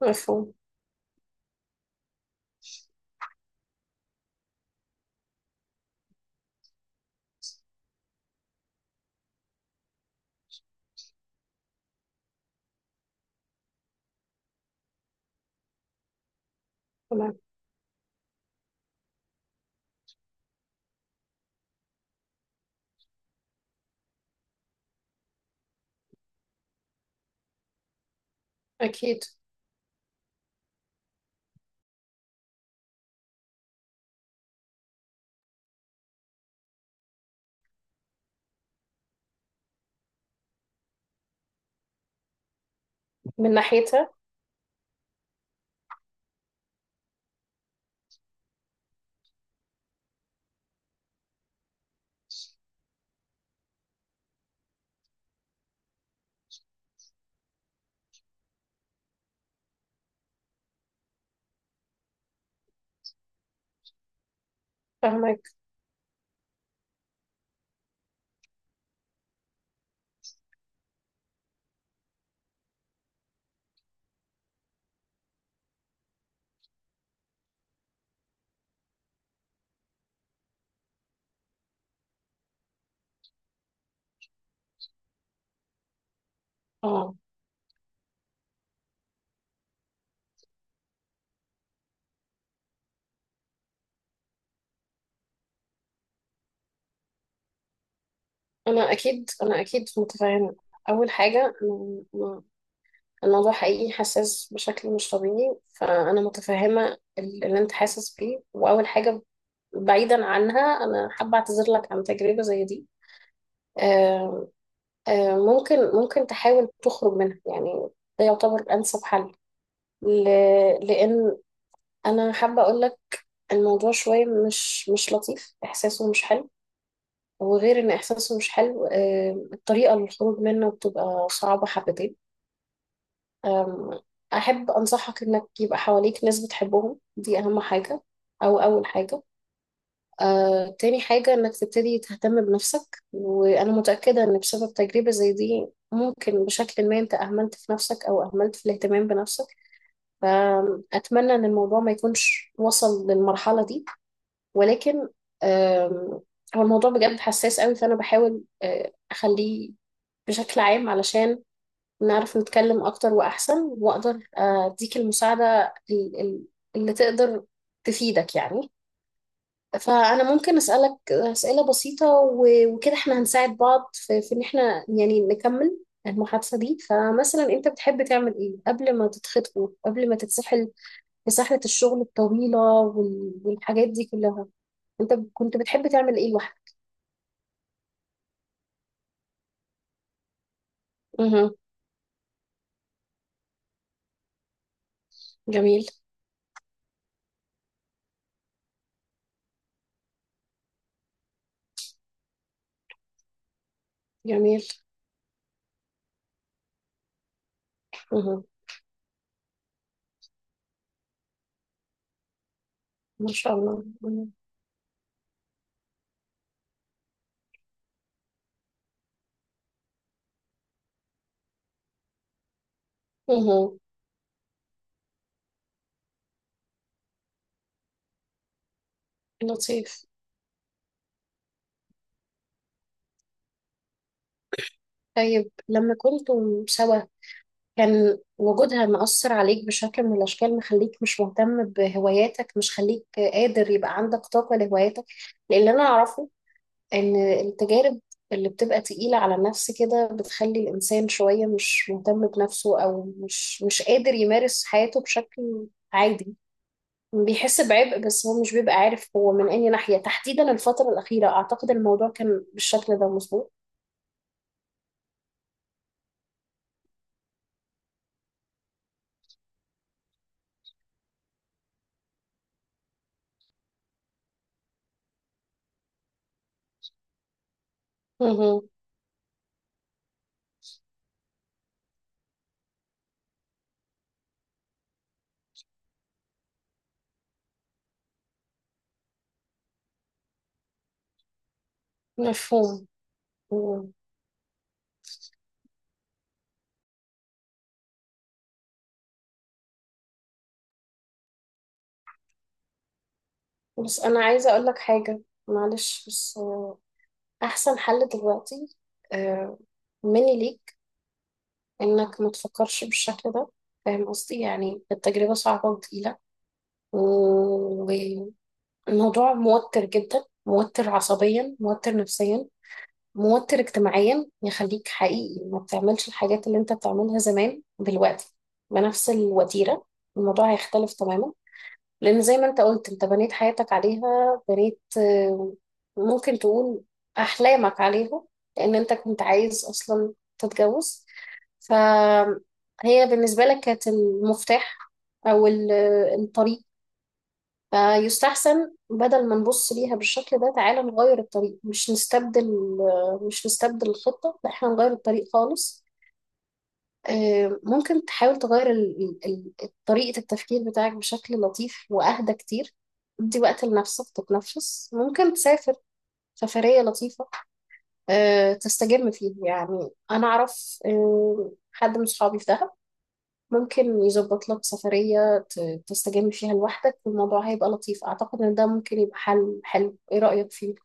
مفهوم. تمام. أكيد. من ناحيتها. فهمك. اه. أنا أكيد، أنا أكيد متفاهمة. أول حاجة الموضوع حقيقي حساس بشكل مش طبيعي، فأنا متفهمة اللي أنت حاسس بيه. وأول حاجة بعيدا عنها، أنا حابة أعتذر لك عن تجربة زي دي. آه، ممكن تحاول تخرج منها يعني، ده يعتبر أنسب حل، لأن أنا حابة أقول لك الموضوع شوية مش لطيف، إحساسه مش حلو. وغير ان احساسه مش حلو، الطريقه للخروج منه بتبقى صعبه حبتين. آم، احب انصحك انك يبقى حواليك ناس بتحبهم، دي اهم حاجه او اول حاجه. تاني حاجه انك تبتدي تهتم بنفسك، وانا متاكده ان بسبب تجربه زي دي ممكن بشكل ما انت اهملت في نفسك او اهملت في الاهتمام بنفسك. فاتمنى ان الموضوع ما يكونش وصل للمرحله دي، ولكن آم، هو الموضوع بجد حساس قوي، فأنا بحاول أخليه بشكل عام علشان نعرف نتكلم أكتر وأحسن، وأقدر أديك المساعدة اللي تقدر تفيدك يعني. فأنا ممكن أسألك أسئلة بسيطة، وكده إحنا هنساعد بعض في إن إحنا يعني نكمل المحادثة دي. فمثلا أنت بتحب تعمل إيه قبل ما تتخطبوا، قبل ما تتسحل في سحلة الشغل الطويلة والحاجات دي كلها؟ انت كنت بتحب تعمل ايه لوحدك؟ مه. جميل. جميل. مه. ما شاء الله. مه. مه. لطيف. طيب لما كنتم سوا كان وجودها مأثر عليك بشكل من الأشكال، مخليك مش مهتم بهواياتك، مش خليك قادر يبقى عندك طاقة لهواياتك؟ لأن أنا أعرفه إن التجارب اللي بتبقى تقيلة على النفس كده بتخلي الإنسان شوية مش مهتم بنفسه، أو مش قادر يمارس حياته بشكل عادي. بيحس بعبء بس هو مش بيبقى عارف هو من أي ناحية تحديدا. الفترة الأخيرة أعتقد الموضوع كان بالشكل ده مظبوط. مهم. مفهوم. مم. بس أنا عايزة أقول لك حاجة، معلش. بس أحسن حل دلوقتي آه، مني ليك إنك ما تفكرش بالشكل ده. فاهم قصدي؟ يعني التجربة صعبة وتقيلة، والموضوع موتر جدا، موتر عصبيا، موتر نفسيا، موتر اجتماعيا، يخليك حقيقي ما بتعملش الحاجات اللي انت بتعملها زمان دلوقتي بنفس الوتيرة. الموضوع هيختلف تماما، لأن زي ما انت قلت انت بنيت حياتك عليها، بنيت ممكن تقول أحلامك عليها، لأن انت كنت عايز أصلا تتجوز، فهي بالنسبة لك كانت المفتاح أو ال- الطريق. فيستحسن بدل ما نبص ليها بالشكل ده، تعالى نغير الطريق، مش نستبدل. مش نستبدل الخطة، لا احنا نغير الطريق خالص. ممكن تحاول تغير طريقة التفكير بتاعك بشكل لطيف وأهدى كتير. ادي وقت لنفسك تتنفس، ممكن تسافر سفرية لطيفة تستجم فيها. يعني أنا أعرف حد من صحابي في دهب ممكن يظبط لك سفرية تستجم فيها لوحدك، والموضوع هيبقى لطيف. أعتقد إن ده ممكن يبقى حل حلو، إيه رأيك فيه؟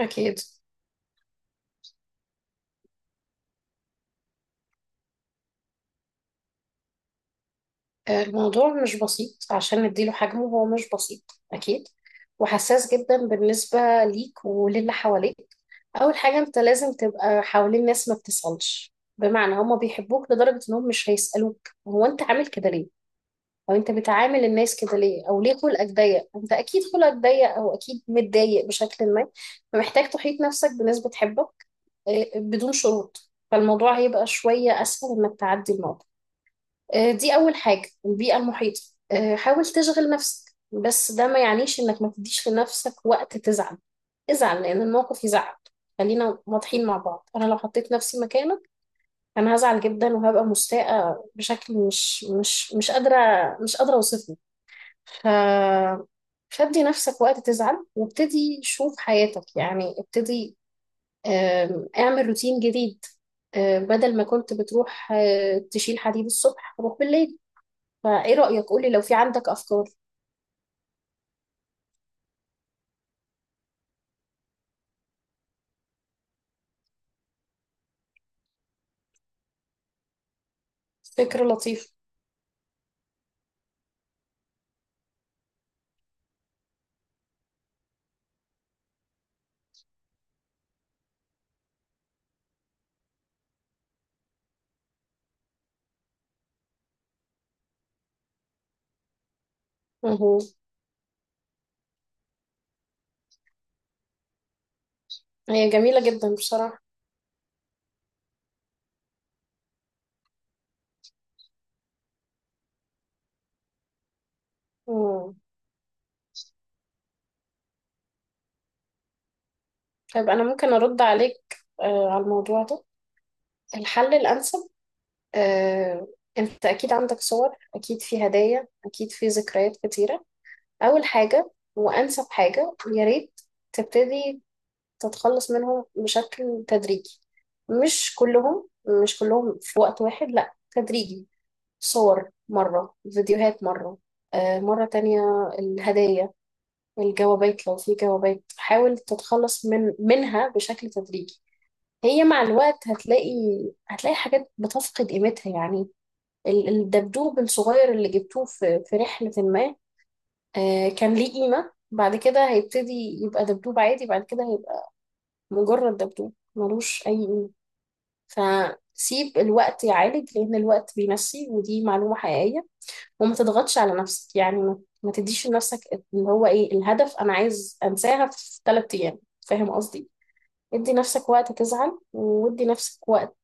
أكيد. الموضوع مش بسيط عشان نديله حجمه، هو مش بسيط أكيد، وحساس جدا بالنسبة ليك وللي حواليك. أول حاجة، أنت لازم تبقى حوالين ناس ما بتسألش، بمعنى هما بيحبوك لدرجة إنهم مش هيسألوك هو أنت عامل كده ليه؟ او انت بتعامل الناس كده ليه؟ او ليه خلقك ضيق؟ انت اكيد خلقك ضيق، او اكيد متضايق بشكل ما. فمحتاج تحيط نفسك بناس بتحبك بدون شروط، فالموضوع هيبقى شوية اسهل انك تعدي الموضوع. دي اول حاجة، البيئة المحيطة. حاول تشغل نفسك، بس ده ما يعنيش انك ما تديش لنفسك وقت تزعل. ازعل لان الموقف يزعل. خلينا واضحين مع بعض، انا لو حطيت نفسي مكانك انا هزعل جدا، وهبقى مستاءة بشكل مش قادرة، مش قادرة اوصفه. ف فادي نفسك وقت تزعل، وابتدي شوف حياتك، يعني ابتدي اعمل روتين جديد. بدل ما كنت بتروح تشيل حديد الصبح، روح بالليل. فايه رأيك؟ قولي لو في عندك افكار. فكرة لطيفة. مهو. هي جميلة جدا بصراحة. مم. طيب انا ممكن ارد عليك على الموضوع ده. الحل الانسب آه، انت اكيد عندك صور، اكيد في هدايا، اكيد في ذكريات كتيرة. أول حاجة وأنسب حاجة، يا ريت تبتدي تتخلص منهم بشكل تدريجي. مش كلهم، مش كلهم في وقت واحد، لأ تدريجي. صور مرة، فيديوهات مرة آه مرة تانية، الهدايا، الجوابات لو في جوابات، حاول تتخلص منها بشكل تدريجي. هي مع الوقت هتلاقي، هتلاقي حاجات بتفقد قيمتها يعني. الدبدوب الصغير اللي جبتوه في رحلة ما كان ليه قيمة، بعد كده هيبتدي يبقى دبدوب عادي، بعد كده هيبقى مجرد دبدوب ملوش أي قيمة. فسيب الوقت يعالج، لأن الوقت بيمشي، ودي معلومة حقيقية. وما تضغطش على نفسك، يعني ما تديش لنفسك اللي هو إيه الهدف، أنا عايز أنساها في 3 أيام. فاهم قصدي؟ ادي نفسك وقت تزعل، وادي نفسك وقت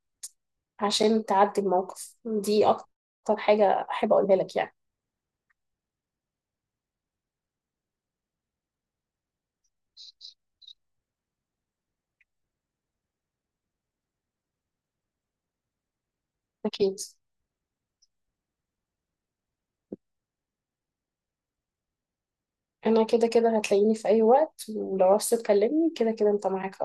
عشان تعدي الموقف. دي أكتر حاجة أحب أقولها لك يعني. أكيد. انا كده كده هتلاقيني في اي وقت، ولو عاوز تكلمني كده كده انت معاك.